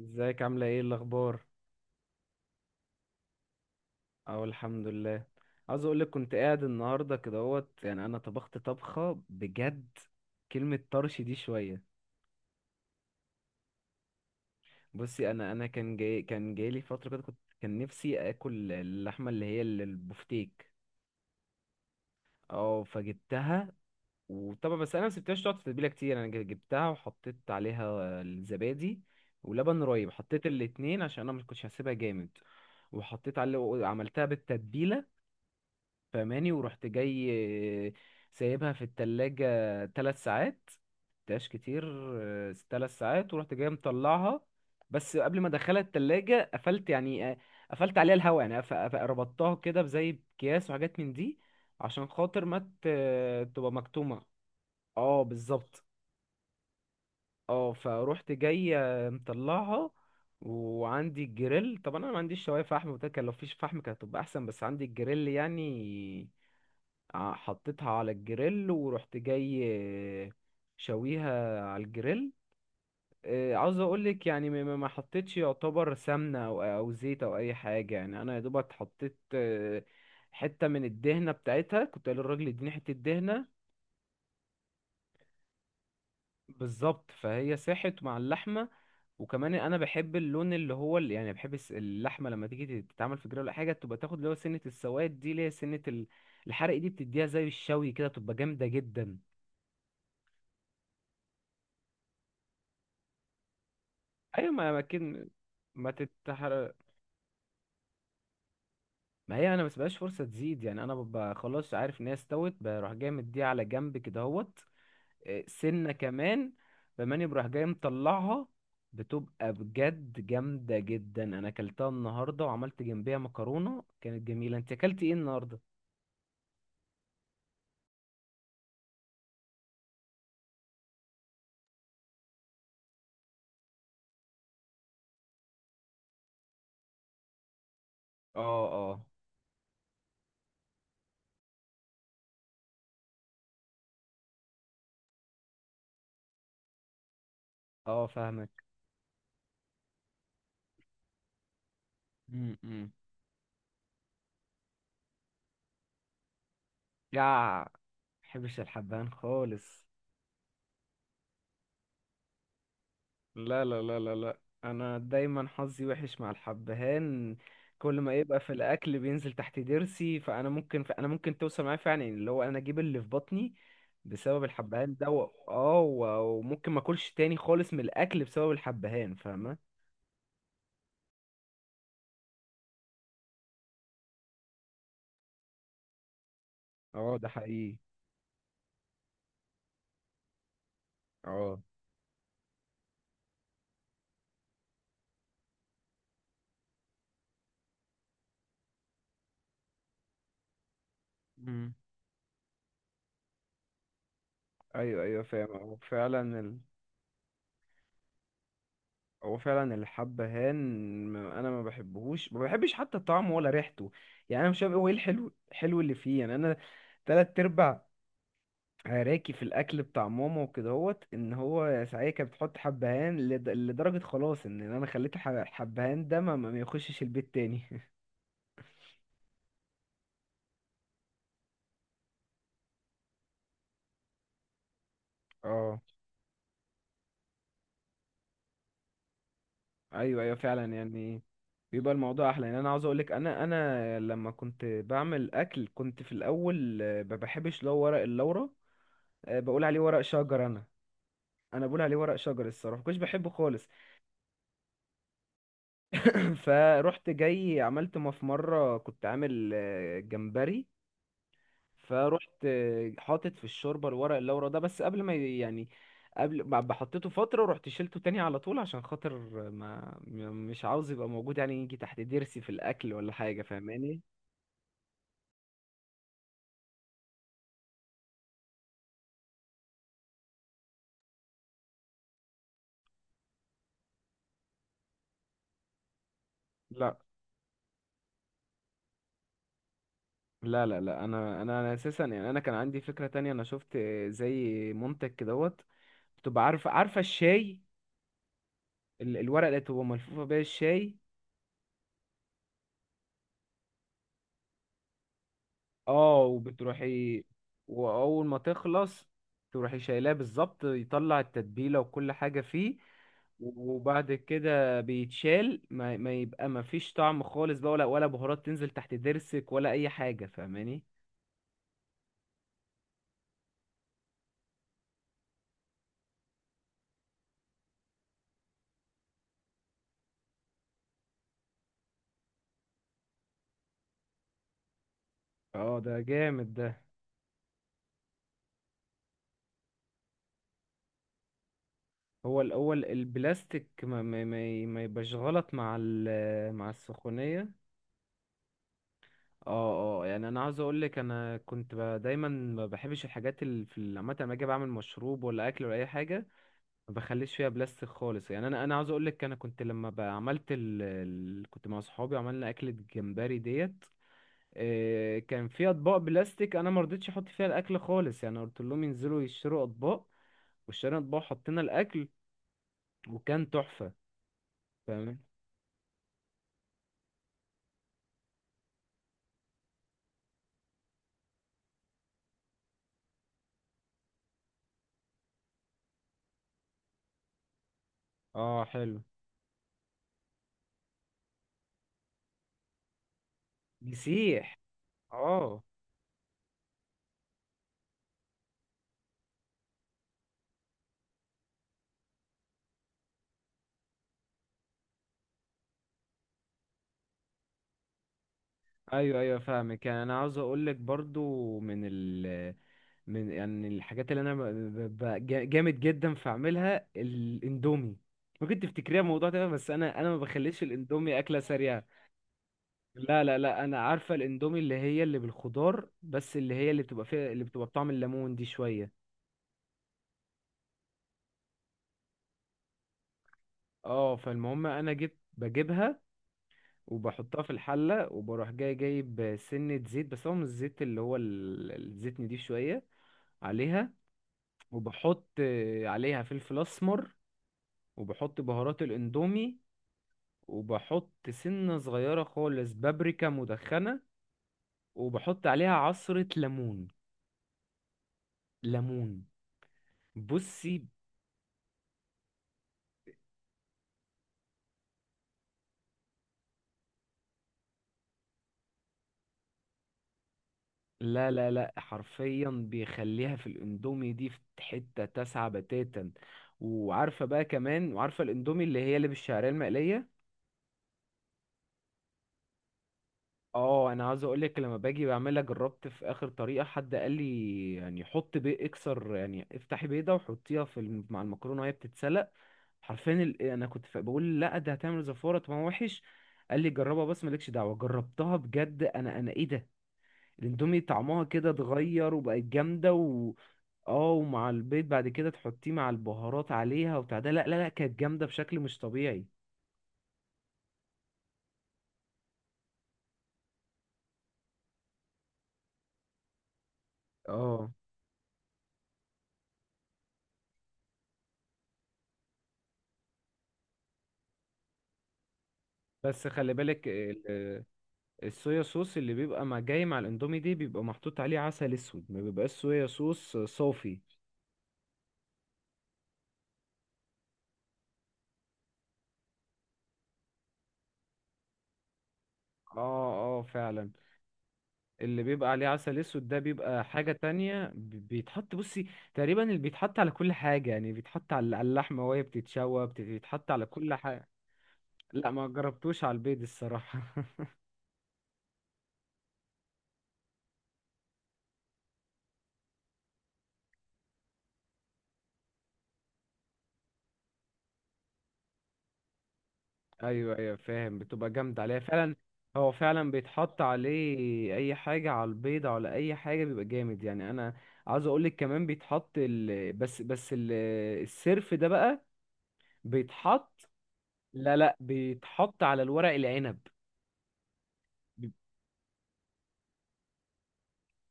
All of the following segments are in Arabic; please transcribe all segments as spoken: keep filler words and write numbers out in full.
ازيك عاملة ايه الأخبار؟ أهو الحمد لله. عاوز أقولك كنت قاعد النهاردة كده اهوت، يعني أنا طبخت طبخة بجد. كلمة طرش دي شوية. بصي، أنا أنا كان جاي كان جايلي فترة كده كنت كان نفسي آكل اللحمة اللي هي ال- البفتيك. اه، فجبتها. وطبعا بس أنا مسبتهاش تقعد في التتبيلة كتير، أنا ج- جبتها وحطيت عليها الزبادي ولبن رايب. حطيت الاتنين عشان أنا مكنتش هسيبها جامد. وحطيت عليه وعملتها بالتتبيلة. فاهماني؟ ورحت جاي، آه، سايبها في التلاجة تلات ساعات. مبقتهاش كتير. آه، تلات ساعات ورحت جاي مطلعها. بس قبل ما ادخلها التلاجة قفلت يعني، آه، قفلت عليها الهواء. يعني قف- قف- ربطتها كده بزي اكياس وحاجات من دي عشان خاطر ما ت- تبقى مكتومة. اه، بالظبط. اه، فروحت جاي آه، مطلعها. وعندي الجريل، طبعا انا ما عنديش شوايه فحم وكده. كان لو فيش فحم كانت هتبقى احسن، بس عندي الجريل يعني. ع- حطيتها على الجريل ورحت جاي، آه، شويها على الجريل. آه، عاوز اقولك يعني ما ما- ما حطيتش يعتبر سمنة او او زيت او اي حاجة. يعني انا يا دوبك حطيت آه، حتة من الدهنة بتاعتها. كنت قايل للراجل اديني حتة دهنة. بالظبط، فهي ساحت مع اللحمة. وكمان انا بحب اللون اللي هو اللي يعني، بحب الس- اللحمة لما تيجي تتعمل في جريل ولا حاجة تبقى تاخد اللي هو سنة السواد دي، اللي هي سنة ال- الحرق دي. بتديها زي الشوي كده، تبقى جامدة جدا. ايوه، ما ما كن- ما تتحر ما هي انا ما بسيبهاش فرصه تزيد. يعني انا ببقى خلاص عارف ان هي استوت، بروح جاي مديها على جنب كده اهوت. إيه، سنه كمان. بماني بروح جاي مطلعها. بتبقى بجد جامده جدا. انا اكلتها النهارده وعملت جنبيها مكرونه كانت جميله. انت اكلت ايه النهارده؟ اه، اه، اه، فاهمك. امم. يا ما بحبش الحبهان خالص. لا، لا، لا، لا، لا. انا دايما حظي وحش مع الحبهان. كل ما يبقى في الاكل بينزل تحت ضرسي. فانا ممكن، انا ممكن توصل معايا فعلا اللي هو انا اجيب اللي في بطني بسبب الحبهان ده. و- اه و- وممكن ما اكلش تاني خالص من الاكل بسبب الحبهان. فاهمه؟ اه، ده حقيقي. اه. مم. ايوه، ايوه، فاهم. هو فعلا ال... هو فعلا الحبهان. ما- انا ما بحبهوش ما بحبش حتى طعمه ولا ريحته. يعني انا مش فاهم، إيه هو ايه الحلو الحلو اللي فيه. يعني انا تلات ارباع عراكي في الاكل بتاع ماما وكدهوت ان هو ساعتها كانت بتحط حبهان لد- لدرجه خلاص ان انا خليت الح- الحبهان ده ما ما يخشش البيت تاني اه. ايوه، ايوه، فعلا يعني بيبقى الموضوع احلى. يعني انا عاوز اقولك، انا انا لما كنت بعمل اكل كنت في الاول آه، ما بحبش لو ورق اللورا. آه، بقول عليه ورق شجر انا. انا بقول عليه ورق شجر الصراحه، مكنتش بحبه خالص. فروحت جاي عملت ما في مره كنت عامل آه، جمبري. فروحت حاطط في الشوربه الورق اللورا ده. بس قبل ما ي- يعني قبل، بعد ما حطيته فتره، رحت شيلته تاني على طول عشان خاطر ما م- مش عاوز يبقى موجود، يعني يجي تحت ضرسي في الاكل ولا حاجه. فاهماني؟ لا، لا، لا، لا، انا انا انا اساسا يعني. انا كان عندي فكره تانية. انا شفت زي منتج كدهوت. بتبقى عارفه؟ عارفه الشاي، ال- الورقه اللي بتبقى ملفوفه بيها الشاي. اه، وبتروحي واول ما تخلص تروحي شايلاه. بالظبط، يطلع التتبيله وكل حاجه فيه. وبعد كده بيتشال، ما, ما يبقى ما فيش طعم خالص بقى، ولا ولا بهارات تنزل تحت ضرسك ولا اي حاجه. فاهماني؟ اه، ده جامد ده. هو الاول البلاستيك ما ما ما, ما يبقاش غلط مع ال- مع السخونيه. اه، اه، يعني انا عاوز اقول لك، انا كنت ب- دايما ما بحبش الحاجات اللي في ال- عامه لما اجي بعمل مشروب ولا اكل ولا اي حاجه. ما بخليش فيها بلاستيك خالص. يعني انا انا عاوز اقول لك انا كنت لما ب- عملت، ال... ال- كنت مع صحابي عملنا اكلة جمبري ديت. آه، كان في اطباق بلاستيك، انا ما رضيتش احط فيها الاكل خالص. يعني قلت لهم ينزلوا يشتروا اطباق. واشترينا اطباق، حطينا الاكل، وكان تحفة. فاهم. اه، حلو. بيسيح. اه. ايوه، ايوه، فاهمك. يعني انا عاوز اقول لك برضو من ال... من يعني الحاجات اللي انا ب- ب- جا- جامد جدا في اعملها الاندومي. ممكن تفتكريها موضوع تاني بس انا انا ما بخليش الاندومي اكله سريعه. لا، لا، لا، انا عارفه الاندومي اللي هي اللي بالخضار، بس اللي هي اللي بتبقى فيها اللي بتبقى بطعم الليمون دي شويه. اه، فالمهم انا جبت بجيبها وبحطها في الحله وبروح جاي جايب سنه زيت، بس هو مش الزيت اللي هو ال- الزيت نضيف شويه عليها. وبحط عليها فلفل اسمر. وبحط بهارات الاندومي. وبحط سنة صغيرة خالص بابريكا مدخنة. وبحط عليها عصرة ليمون. ليمون. بصي، لا، لا، لا، حرفيا بيخليها في الاندومي دي في حتة تسعة بتاتا. وعارفة بقى كمان، وعارفة الاندومي اللي هي اللي بالشعرية المقلية. اه، انا عاوز اقولك لما باجي بعملها جربت في اخر طريقة حد قال لي يعني حط بيض، اكسر يعني افتحي بيضة وحطيها في الم- مع المكرونة وهي بتتسلق. حرفيا ال- انا كنت ف- بقول لا ده هتعمل زفاره، طب ما هو وحش. قال لي جربها بس مالكش دعوه. جربتها بجد، انا انا ايه ده. الاندومي طعمها كده اتغير وبقت جامده و. اه، ومع البيض بعد كده تحطيه مع البهارات عليها وبتاع ده. لا، لا، لا، كانت جامده بشكل مش طبيعي. اه، بس خلي بالك ال- الصويا صوص اللي بيبقى مع جاي مع الاندومي دي بيبقى محطوط عليه عسل اسود. ما بيبقاش صويا صوص صافي. اه، اه، فعلا. اللي بيبقى عليه عسل اسود ده بيبقى حاجة تانية. ب- بيتحط بصي تقريبا اللي بيتحط على كل حاجة. يعني بيتحط على على اللحمة وهي بتتشوى، بت- بيتحط على كل حاجة. لا، ما جربتوش على البيض الصراحة ايوه، ايوه، فاهم، بتبقى جامدة عليها فعلا. هو فعلا بيتحط عليه اي حاجة، على البيض على اي حاجة بيبقى جامد. يعني انا عاوز اقولك كمان بيتحط ال... بس بس ال... السرف ده بقى بيتحط. لا، لا، بيتحط على الورق العنب.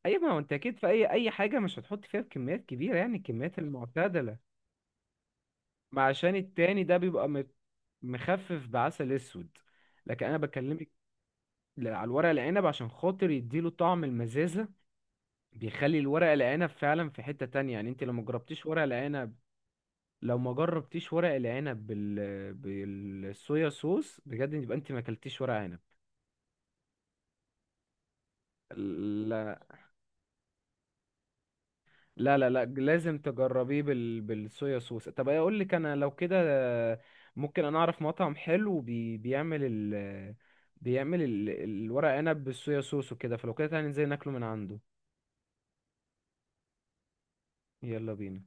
اي، ما هو انت اكيد في اي اي حاجه مش هتحط فيها بكميات كبيره يعني، الكميات المعتدله. ما عشان التاني ده بيبقى مت- مخفف بعسل اسود. لكن انا بكلمك ل- على الورق العنب عشان خاطر يديله طعم المزازه. بيخلي الورق العنب فعلا في حته تانية. يعني انت لو ما جربتيش ورق العنب، لو ما جربتيش ورق العنب بال... بالصويا صوص بجد، يبقى انت ما اكلتيش ورق عنب. لا، لا، لا، لازم تجربيه بال... بالصويا صوص. طب اقول لك انا لو كده آه، ممكن انا اعرف مطعم حلو بي... بيعمل ال... بيعمل ال... الورق عنب بالصويا صوص وكده. فلو كده تعالى ننزل ناكله من عنده. يلا بينا